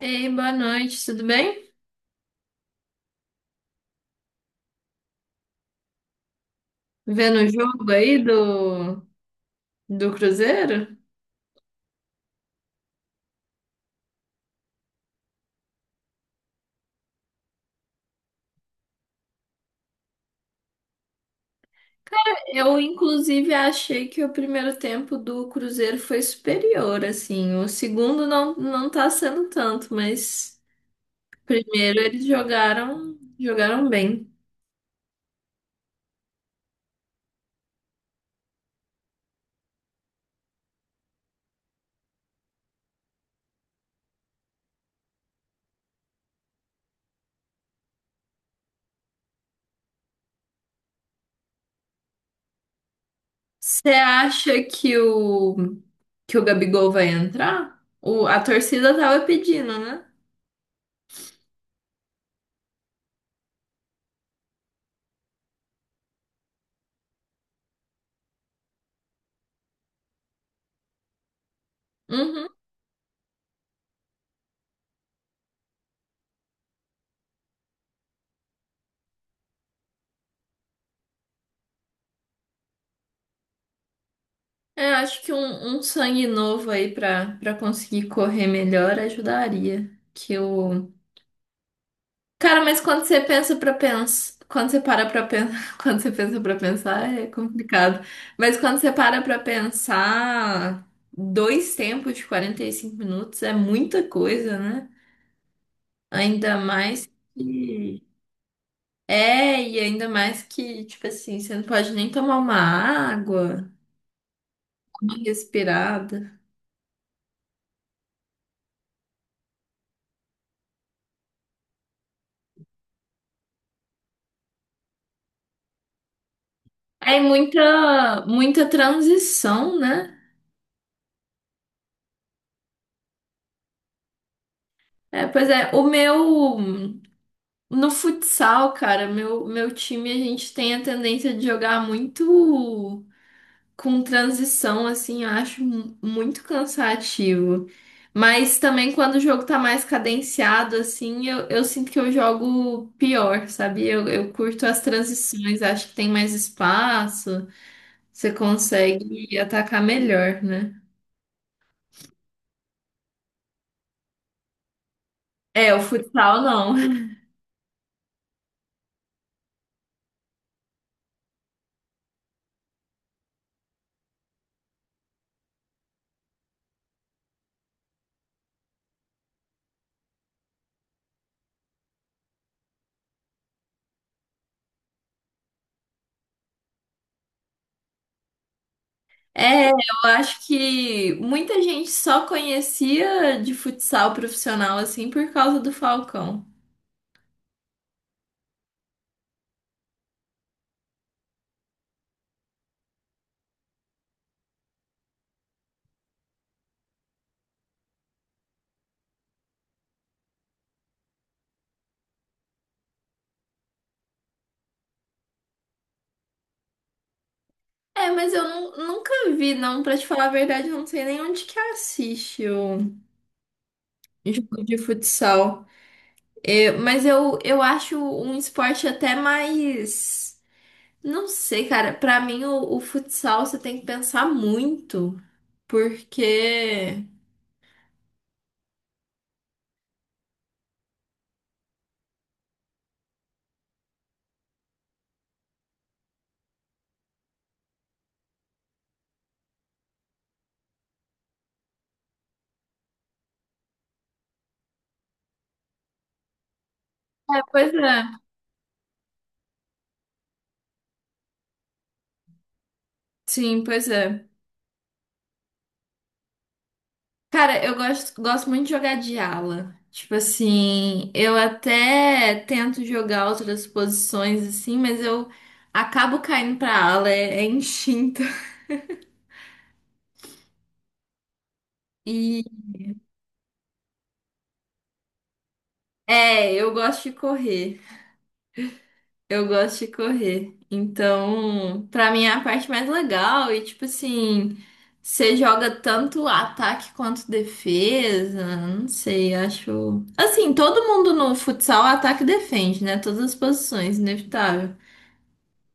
Ei, boa noite, tudo bem? Vendo o jogo aí do Cruzeiro? Eu, inclusive, achei que o primeiro tempo do Cruzeiro foi superior, assim. O segundo não, não tá sendo tanto, mas primeiro eles jogaram bem. Você acha que o Gabigol vai entrar? O, a torcida tava pedindo, né? Uhum. É, acho que um sangue novo aí pra conseguir correr melhor ajudaria. Que o. Cara, mas quando você pensa pra pensar. Quando você para pra pensar. Quando você pensa pra pensar, é complicado. Mas quando você para pra pensar, dois tempos de 45 minutos é muita coisa, né? Ainda mais que. É, e ainda mais que, tipo assim, você não pode nem tomar uma água, uma respirada. É muita transição, né? É, pois é, o meu no futsal, cara, meu time a gente tem a tendência de jogar muito com transição, assim, eu acho muito cansativo. Mas também quando o jogo tá mais cadenciado, assim, eu sinto que eu jogo pior, sabe? Eu curto as transições, acho que tem mais espaço, você consegue atacar melhor, né? É, o futsal não. É, eu acho que muita gente só conhecia de futsal profissional assim por causa do Falcão. É, mas nunca vi, não, pra te falar a verdade, eu não sei nem onde que assiste o jogo de futsal. É, mas eu acho um esporte até mais. Não sei, cara, pra mim o futsal você tem que pensar muito, porque. É, pois é. Sim, pois é. Cara, eu gosto muito de jogar de ala. Tipo assim, eu até tento jogar outras posições assim, mas eu acabo caindo pra ala, é instinto. E é, eu gosto de correr. Eu gosto de correr. Então, pra mim é a parte mais legal. E tipo assim, você joga tanto ataque quanto defesa. Não sei, acho. Assim, todo mundo no futsal ataca e defende, né? Todas as posições, inevitável.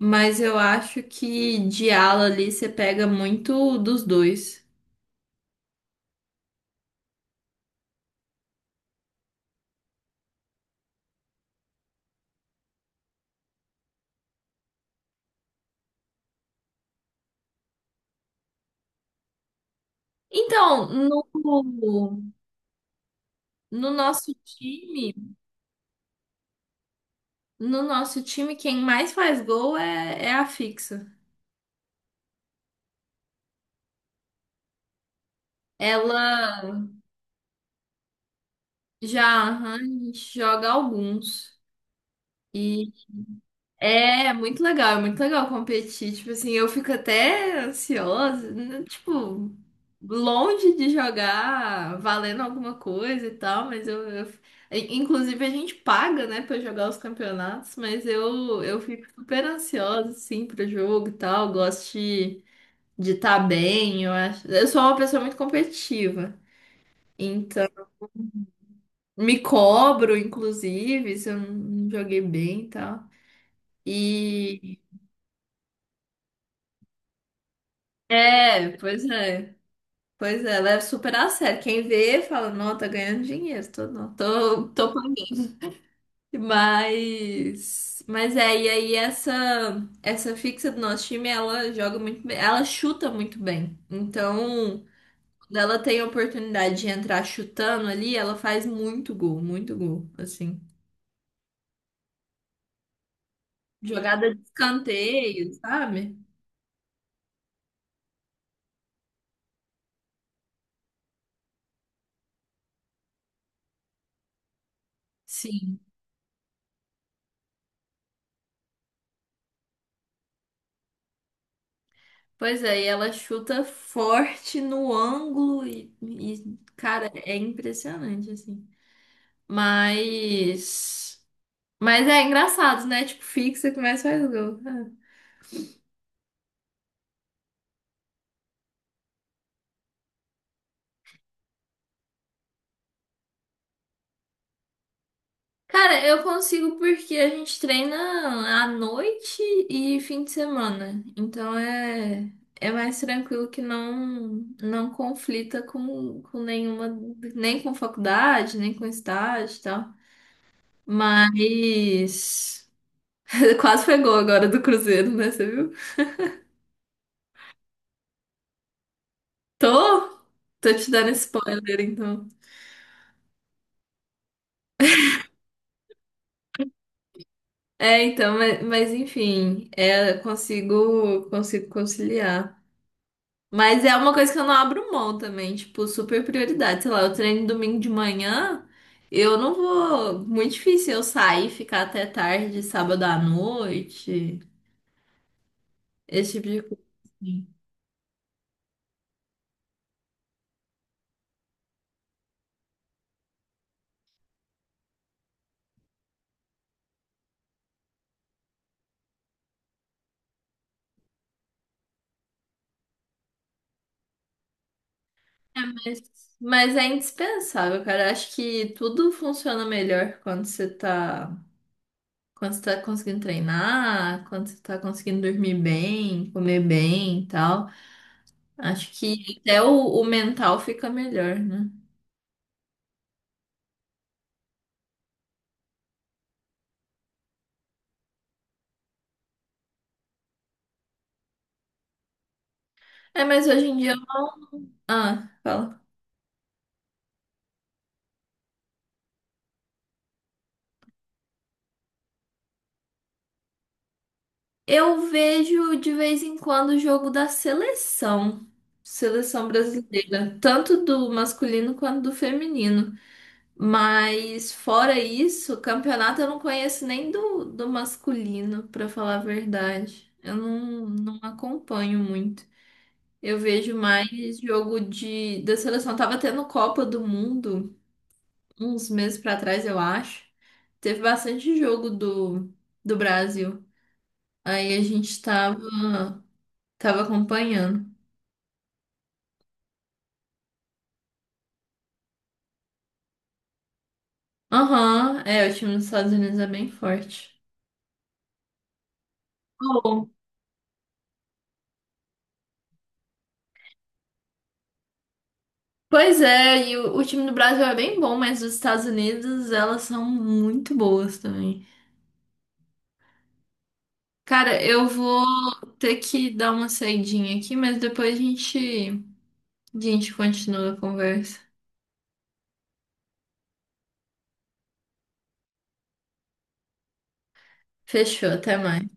Mas eu acho que de ala ali você pega muito dos dois. Então, no, no nosso time, no nosso time, quem mais faz gol é a fixa. Ela já aham, a gente joga alguns. É muito legal competir. Tipo assim, eu fico até ansiosa, né, tipo, longe de jogar valendo alguma coisa e tal, mas Inclusive a gente paga, né, pra jogar os campeonatos, mas eu fico super ansiosa, assim, pro jogo e tal. Gosto de estar bem, eu acho. Eu sou uma pessoa muito competitiva, então me cobro, inclusive, se eu não não joguei bem e tal. E. É, pois é. Pois é, leva super a sério. Quem vê fala, não, tá ganhando dinheiro, tô, não, tô punk. Mas é, e aí essa fixa do nosso time, ela joga muito bem, ela chuta muito bem. Então, quando ela tem a oportunidade de entrar chutando ali, ela faz muito gol, assim. Jogada de escanteio, sabe? Sim. Pois é, e ela chuta forte no ângulo e, cara, é impressionante, assim. Mas. Mas é engraçado, né? Tipo, fixa, começa e faz gol. É. Cara, eu consigo porque a gente treina à noite e fim de semana. Então é. É mais tranquilo que não não conflita com nenhuma, nem com faculdade, nem com estágio e tal. Mas quase foi gol agora do Cruzeiro, né? Você viu? Tô, tô te dando spoiler, então. É, então, mas enfim, é, consigo, consigo conciliar. Mas é uma coisa que eu não abro mão também, tipo, super prioridade. Sei lá, eu treino domingo de manhã, eu não vou. Muito difícil eu sair e ficar até tarde, sábado à noite, esse tipo de coisa. Assim. É, mas é indispensável, cara. Eu Acho que tudo funciona melhor quando você tá conseguindo treinar, quando você tá conseguindo dormir bem, comer bem e tal. Acho que até o mental fica melhor, né? É, mas hoje em dia. Ah, fala. Eu vejo de vez em quando o jogo da seleção, seleção brasileira, tanto do masculino quanto do feminino. Mas fora isso, campeonato eu não conheço nem do masculino, pra falar a verdade. Eu não, não acompanho muito. Eu vejo mais jogo de, da seleção. Tava tendo Copa do Mundo. Uns meses pra trás, eu acho, teve bastante jogo do Brasil. Aí a gente tava, tava acompanhando. Aham, é, o time dos Estados Unidos é bem forte. Bom, pois é, e o time do Brasil é bem bom, mas os Estados Unidos, elas são muito boas também. Cara, eu vou ter que dar uma saidinha aqui, mas depois a gente continua a conversa. Fechou, até mais.